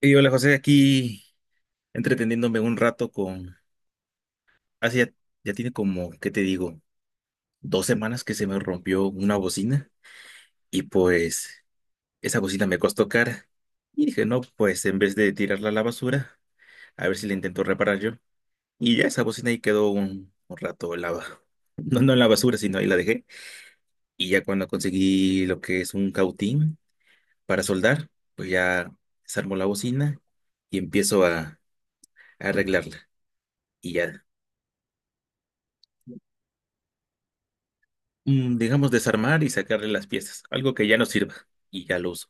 Y hola José, aquí entreteniéndome un rato con... Hace ya, ya tiene como, ¿qué te digo? Dos semanas que se me rompió una bocina, y pues esa bocina me costó cara. Y dije, no, pues en vez de tirarla a la basura, a ver si la intento reparar yo. Y ya esa bocina ahí quedó un rato en la... ba- No, no en la basura, sino ahí la dejé. Y ya cuando conseguí lo que es un cautín para soldar, pues ya desarmo la bocina y empiezo a arreglarla. Y ya. Digamos, desarmar y sacarle las piezas, algo que ya no sirva, y ya lo uso.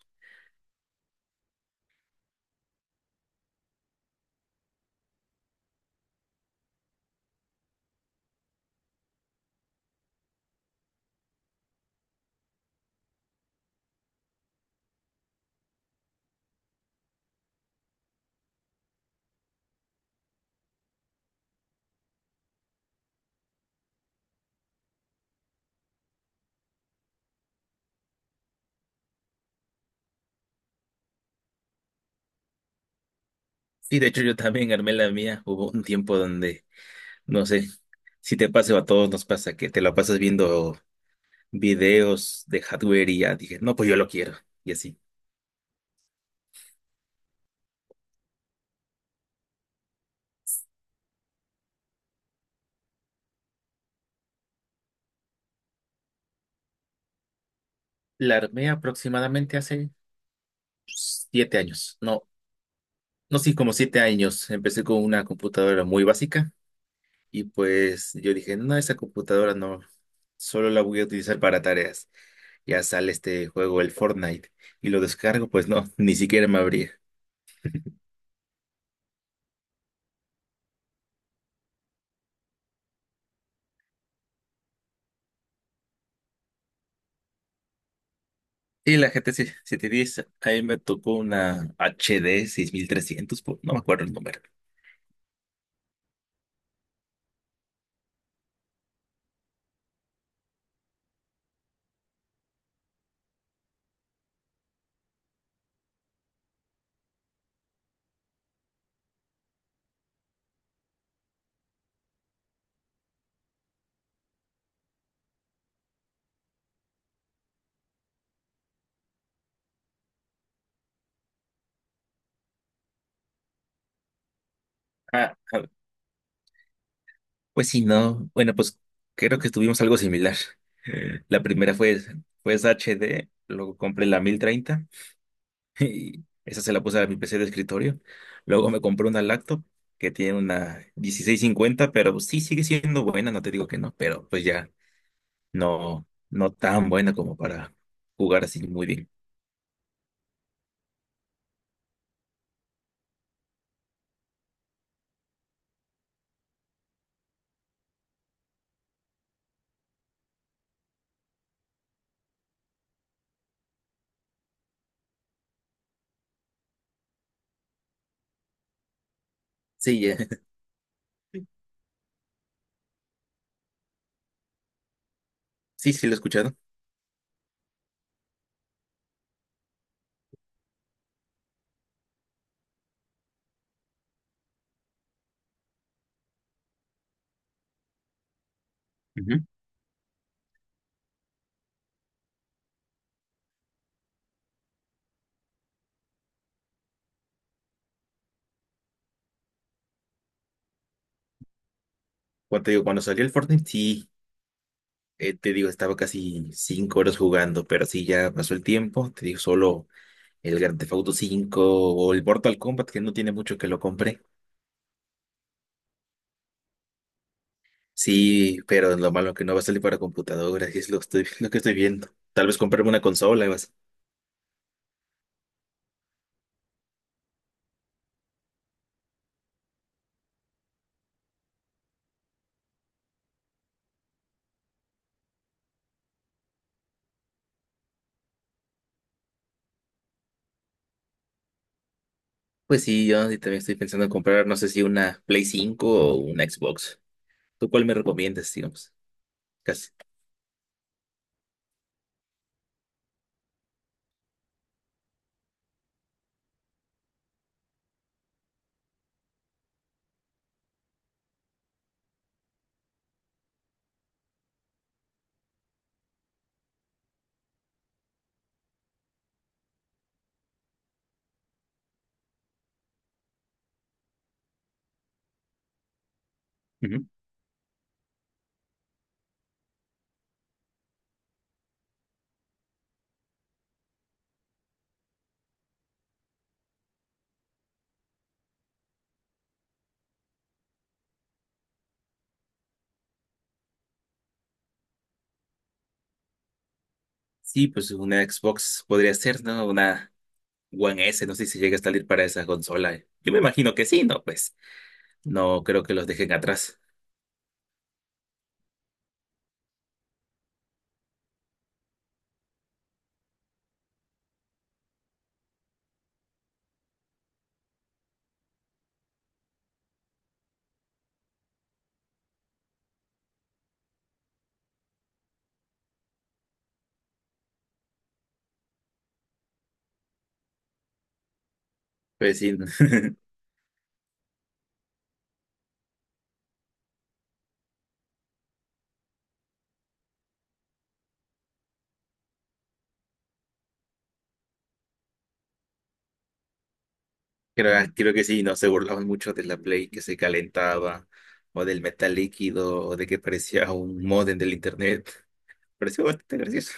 Sí, de hecho yo también armé la mía. Hubo un tiempo donde, no sé, si te pasa o a todos nos pasa que te la pasas viendo videos de hardware y ya dije, no, pues yo lo quiero y así. La armé aproximadamente hace siete años, no, no, sí, como siete años. Empecé con una computadora muy básica y pues yo dije, no, esa computadora no, solo la voy a utilizar para tareas. Ya sale este juego, el Fortnite, y lo descargo, pues no, ni siquiera me abría. Y la GT 710, ahí me tocó una HD 6300, po- no me acuerdo el número. Ah, ah, pues sí, no. Bueno, pues creo que tuvimos algo similar. La primera fue, fue esa HD, luego compré la 1030. Y esa se la puse a mi PC de escritorio. Luego me compré una laptop que tiene una 1650, pero sí sigue siendo buena, no te digo que no, pero pues ya no, no tan buena como para jugar así muy bien. Sí, sí, sí lo he escuchado. Ujú. Cuando te digo, cuando salió el Fortnite, sí, te digo, estaba casi cinco horas jugando, pero sí ya pasó el tiempo, te digo, solo el Grand Theft Auto 5 o el Mortal Kombat, que no tiene mucho que lo compré. Sí, pero lo malo que no va a salir para computadora, y es lo, estoy, lo que estoy viendo. Tal vez comprarme una consola y más. Pues sí, yo sí también estoy pensando en comprar, no sé si una Play cinco o una Xbox. ¿Tú cuál me recomiendas, digamos? Casi. Ujú. Sí, pues una Xbox podría ser, ¿no? Una One S, no sé si llega a salir para esa consola. Yo me imagino que sí, ¿no? Pues no creo que los dejen atrás. Pues sí. Creo, ah, creo que sí, no se burlaban mucho de la Play que se calentaba, o del metal líquido, o de que parecía un modem del internet. Pareció bastante gracioso.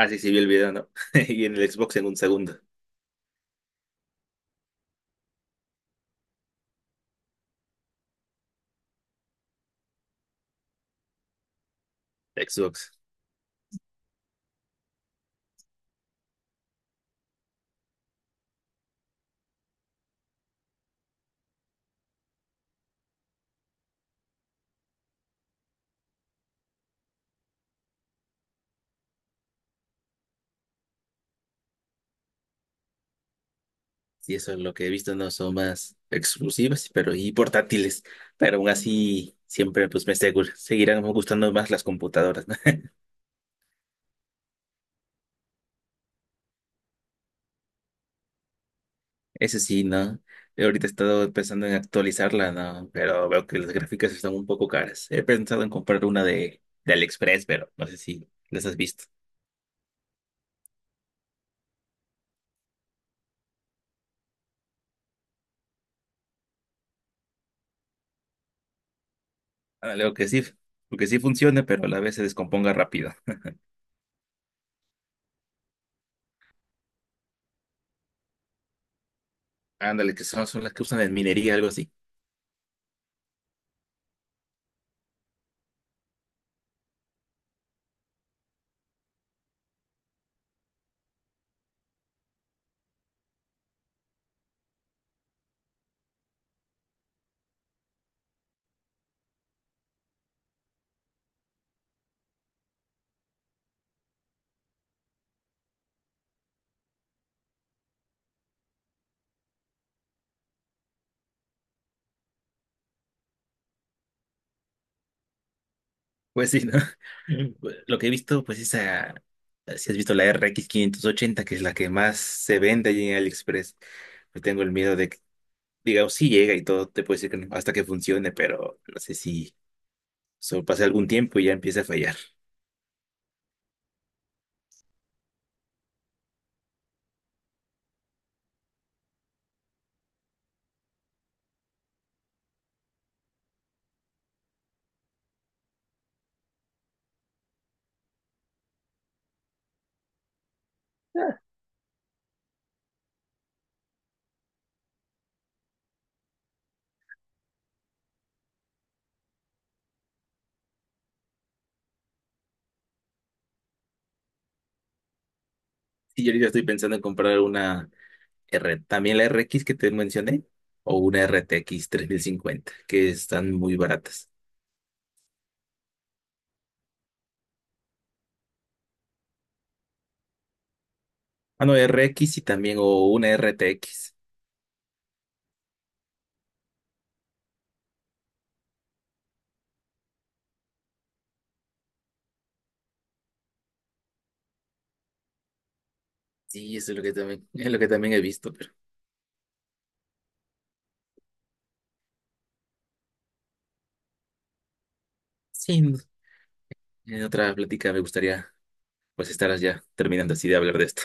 Ah, sí, sí, vi el video, ¿no? Y en el Xbox en un segundo. Xbox. Sí, eso es lo que he visto, no son más exclusivas, pero y portátiles. Pero aún así, siempre pues me seguro, seguirán gustando más las computadoras, ¿no? Eso sí, ¿no? Yo ahorita he estado pensando en actualizarla, ¿no? Pero veo que las gráficas están un poco caras. He pensado en comprar una de AliExpress, pero no sé si las has visto. Ándale, o que sí, porque sí funcione, pero a la vez se descomponga rápido. Ándale, que son, son las que usan en minería, algo así. Pues sí, ¿no? Lo que he visto, pues esa, si has visto la RX 580, que es la que más se vende allí en AliExpress. Yo tengo el miedo de que, digamos, sí llega y todo, te puede decir que no, hasta que funcione, pero no sé si solo pasé algún tiempo y ya empieza a fallar. Y yo ahorita estoy pensando en comprar una R, también la RX que te mencioné, o una RTX 3050 que están muy baratas. Ah, no, RX y también, o una r t x. Sí, eso es lo que también, es lo que también he visto, pero sí, en otra plática me gustaría pues estar ya terminando así de hablar de esto.